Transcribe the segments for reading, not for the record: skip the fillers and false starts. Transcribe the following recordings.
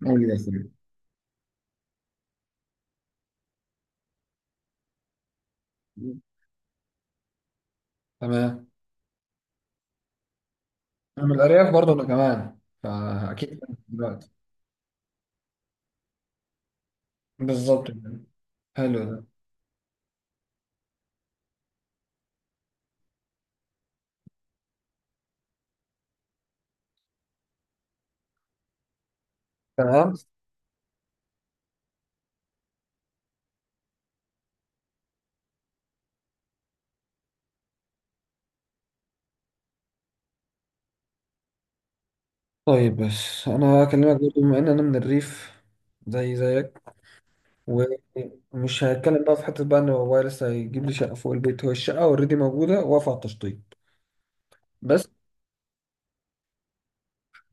موجودة فين؟ تمام. انا من الارياف برضه انا كمان، فاكيد. دلوقتي بالظبط كده. حلو ده. تمام. طيب، بس انا هكلمك برضه بما ان انا من الريف زي زيك، ومش هتكلم بقى في حته بقى ان بابايا لسه هيجيب لي شقه فوق البيت، هو الشقه اوريدي موجوده واقفه على التشطيب. بس.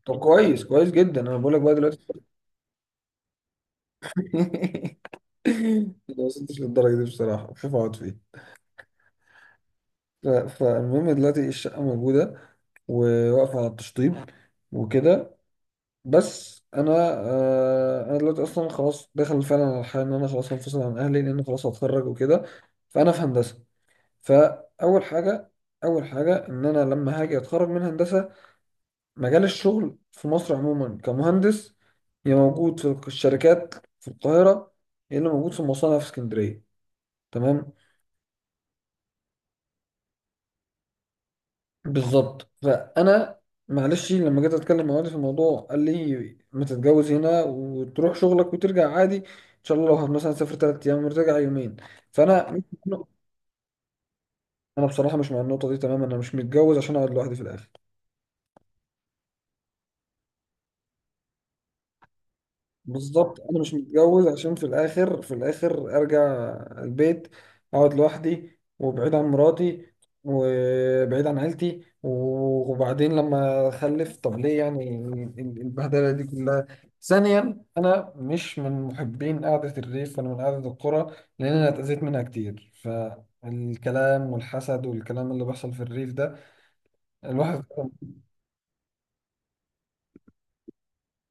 طب كويس، كويس جدا، انا بقول لك بقى دلوقتي. ما وصلتش للدرجه دي بصراحه، شوف اقعد فين. فالمهم دلوقتي الشقة موجودة وواقفة على التشطيب وكده. بس أنا دلوقتي أصلا خلاص داخل فعلا على الحياة، إن أنا خلاص هنفصل عن أهلي لأن خلاص هتخرج وكده. فأنا في هندسة، فأول حاجة، أول حاجة إن أنا لما هاجي أتخرج من هندسة، مجال الشغل في مصر عموما كمهندس يا موجود في الشركات في القاهرة، يا إلا موجود في المصانع في اسكندرية. تمام، بالظبط. فانا معلش، لما جيت اتكلم مع والدي في الموضوع قال لي ما تتجوز هنا وتروح شغلك وترجع عادي، ان شاء الله لو مثلا تسافر 3 ايام وترجع يومين. فانا مش- انا بصراحه مش مع النقطه دي تماما، انا مش متجوز عشان اقعد لوحدي في الاخر. بالظبط، انا مش متجوز عشان في الاخر، في الاخر ارجع البيت اقعد لوحدي وبعيد عن مراتي وبعيد عن عيلتي، وبعدين لما اخلف طب ليه؟ يعني البهدله دي كلها. ثانيا، انا مش من محبين قعده الريف، انا من قعده القرى، لان انا اتاذيت منها كتير، فالكلام والحسد والكلام اللي بيحصل في الريف ده الواحد.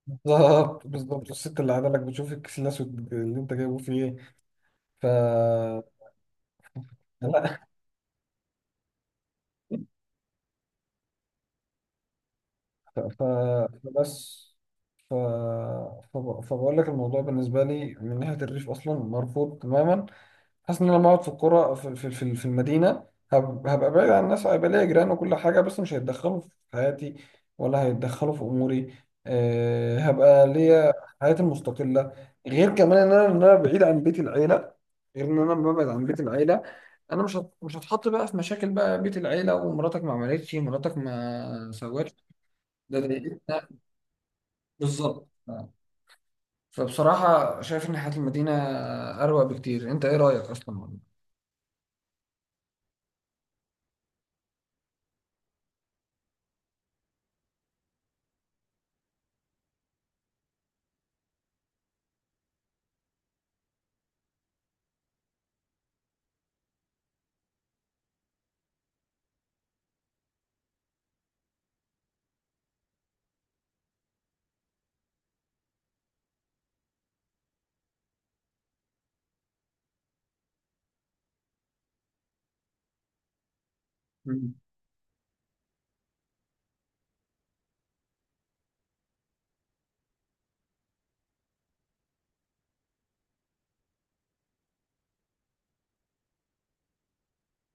بالظبط، بالظبط. الست اللي قاعده لك بتشوف الكسلاس اللي انت جايبه فيه. ايه. لا. ف- ف- فبس. ف... فبقول لك الموضوع بالنسبة لي من ناحية الريف أصلا مرفوض تماما. حاسس إن أنا لما أقعد في القرى في المدينة، هبقى بعيد عن الناس، هيبقى ليا جيران وكل حاجة بس مش هيتدخلوا في حياتي ولا هيتدخلوا في أموري. هبقى ليا حياتي المستقلة، غير كمان إن أنا بعيد عن بيت العيلة، غير إن أنا ببعد عن بيت العيلة. أنا مش هتحط بقى في مشاكل بقى بيت العيلة، ومراتك ما عملتش مراتك ما سوتش. ده ضايقتنا، بالظبط. فبصراحة شايف إن حياة المدينة أروق بكتير، أنت إيه رأيك أصلا؟ مم.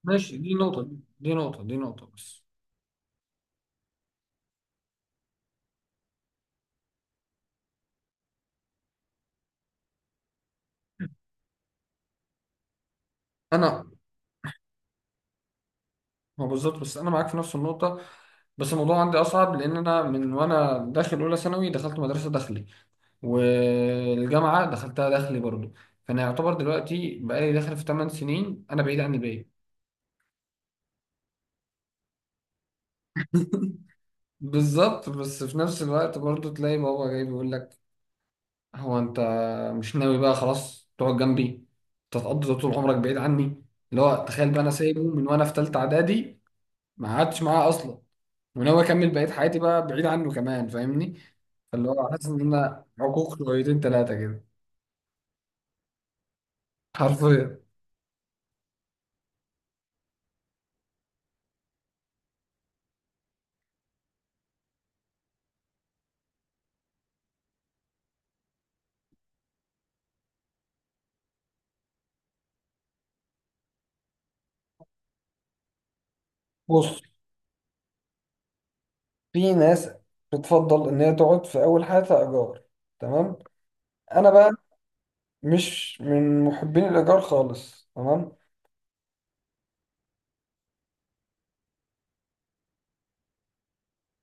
ماشي، دي نقطة بس. أنا ما بالظبط، بس أنا معاك في نفس النقطة، بس الموضوع عندي أصعب لأن أنا من وأنا داخل أولى ثانوي دخلت مدرسة داخلي، والجامعة دخلتها داخلي برضه، فأنا يعتبر دلوقتي بقالي داخل في 8 سنين أنا بعيد عن الباقي. بالظبط، بس في نفس الوقت برضه تلاقي بابا جاي بيقول لك: هو انت مش ناوي بقى خلاص تقعد جنبي، تتقضي طول عمرك بعيد عني؟ اللي هو تخيل بقى، انا سايبه من وانا في تالتة اعدادي، ما قعدتش معاه اصلا، وناوي اكمل بقية حياتي بقى بعيد عنه كمان، فاهمني. فاللي هو حاسس ان انا عقوق شويتين تلاتة كده، حرفيا. بص، في ناس بتفضل ان هي تقعد في اول حياتها ايجار. تمام. انا بقى مش من محبين الايجار خالص. تمام.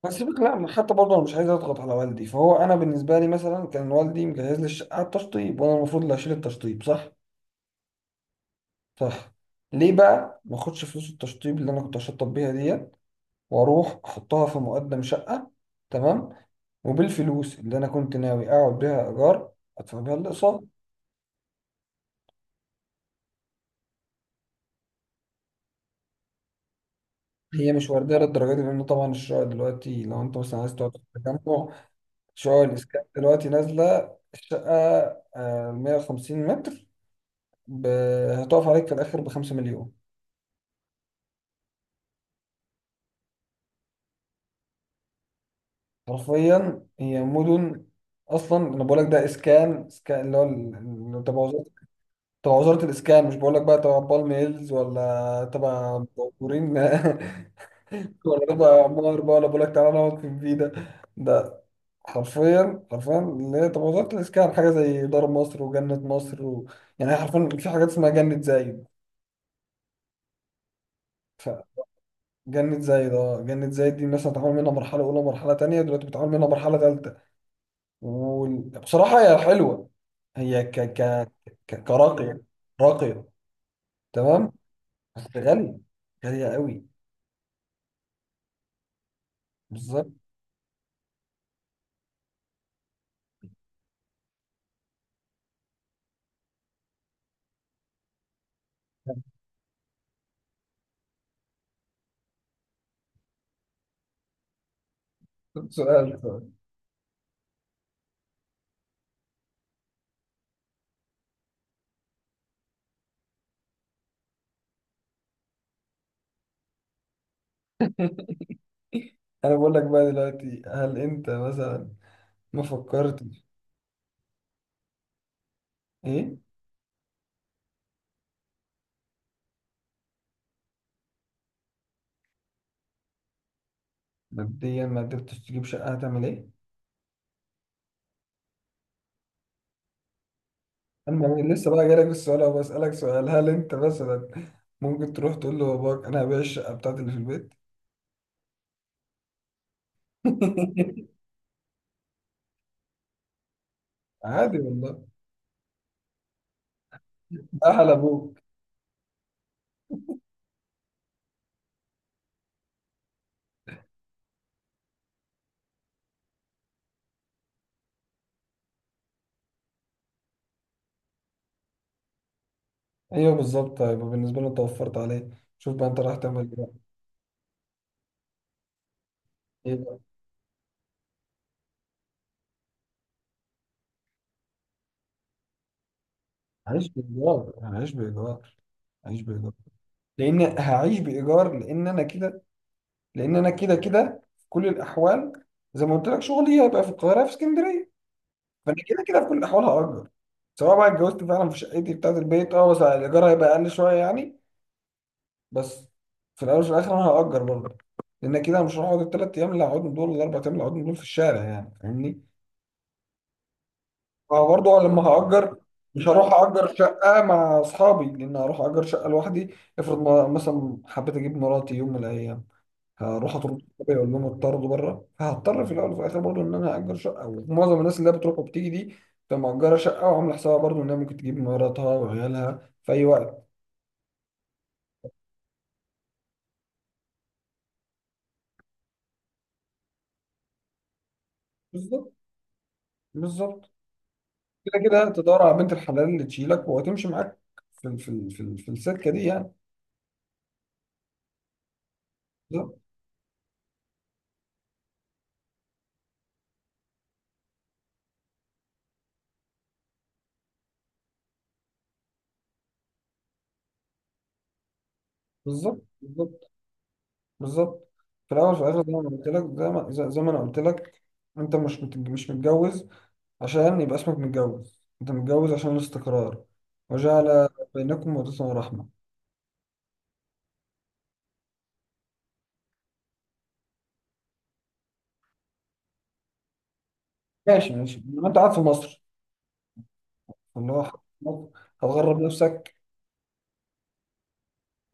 هسيبك. لا حتى برضه انا مش عايز اضغط على والدي، فهو انا بالنسبه لي مثلا كان والدي مجهز لي الشقه على التشطيب، وانا المفروض اللي اشيل التشطيب، صح؟ صح. ليه بقى ما اخدش فلوس التشطيب اللي انا كنت هشطب بيها ديت واروح احطها في مقدم شقه؟ تمام. وبالفلوس اللي انا كنت ناوي اقعد بيها ايجار ادفع بيها الاقساط. هي مش ورديه للدرجه دي لان طبعا الشقق دلوقتي لو انت مثلا عايز تقعد في تجمع، شقق الاسكان دلوقتي نازله الشقه 150 متر ب... هتقف عليك في الآخر بخمسة مليون. حرفيا هي مدن. أصلا أنا بقول لك ده إسكان، إسكان اللي هو تبع وزارة، تبع وزارة الإسكان، مش بقول لك بقى تبع بالم هيلز ولا تبع بورين ولا تبع عمار بقى، ولا بقول لك تعالى نقعد في الفيدا. ده حرفيا، حرفيا اللي هي تبع وزارة الإسكان، حاجة زي دار مصر وجنة مصر و... يعني هي حرفيا في حاجات اسمها جنة زايد. جنة زايد، اه. جنة زايد دي الناس هتعمل منها مرحلة أولى ومرحلة تانية، دلوقتي بتعمل منها مرحلة تالتة. وبصراحة هي حلوة، هي كراقية، راقية. تمام. بس غالية، غالية قوي. بالظبط. طب سؤال. أنا بقول لك بقى دلوقتي، هل أنت مثلا ما فكرتش؟ إيه. مبدئيا ما قدرتش تجيب شقة هتعمل إيه؟ أنا لسه بقى جايلك في السؤال أهو، بسألك سؤال: هل أنت مثلا ممكن تروح تقول لباباك أنا هبيع الشقة بتاعتي اللي في البيت؟ عادي والله. اهل ابوك. ايوه بالظبط، هيبقى بالنسبه له انت وفرت عليه. شوف بقى انت رايح تعمل ايه بقى. ايه بقى، هعيش بايجار هعيش بايجار هعيش بايجار. لان انا كده، لان انا كده كده في كل الاحوال، زي ما قلت لك شغلي هيبقى في القاهره في اسكندريه، فانا كده كده في كل الاحوال هاجر، سواء بقى اتجوزت فعلا في شقتي بتاعت البيت، اه بس الايجار هيبقى اقل شويه يعني. بس في الاول وفي الاخر انا هاجر برضه، لان كده أنا مش هقعد الـ 3 ايام اللي هقعدهم دول ولا الـ 4 ايام اللي هقعدهم دول في الشارع، يعني فاهمني. ما هو برضه لما هأجر مش هروح أجر شقة مع أصحابي، لأن هروح أجر شقة لوحدي. افرض مثلا حبيت أجيب مراتي يوم من الأيام، هروح أطرد صحابي أقول لهم اتطردوا بره؟ فهضطر في الأول وفي الآخر برضه إن أنا أجر شقة، ومعظم الناس اللي هي بتروح وبتيجي دي بتبقى مأجرة شقة وعاملة حسابها برضه إنها ممكن تجيب مراتها وعيالها في أي وقت. بالظبط، بالظبط، كده كده تدور على بنت الحلال اللي تشيلك وهتمشي معاك في السكة دي يعني. بالظبط، بالظبط، بالظبط، بالظبط. في الاول في الاخر زي ما قلت لك، زي ما زي زي ما انا قلت لك، انت مش متجوز عشان يبقى اسمك متجوز، انت متجوز عشان الاستقرار، وجعل بينكم مودة ورحمة. ماشي ماشي، ما انت قاعد في مصر، اللي هو حاجة في مصر، هتغرب نفسك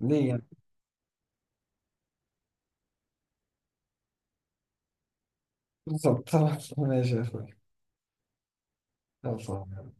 ليه يعني؟ بالظبط. ماشي يا اخوي. خلصان.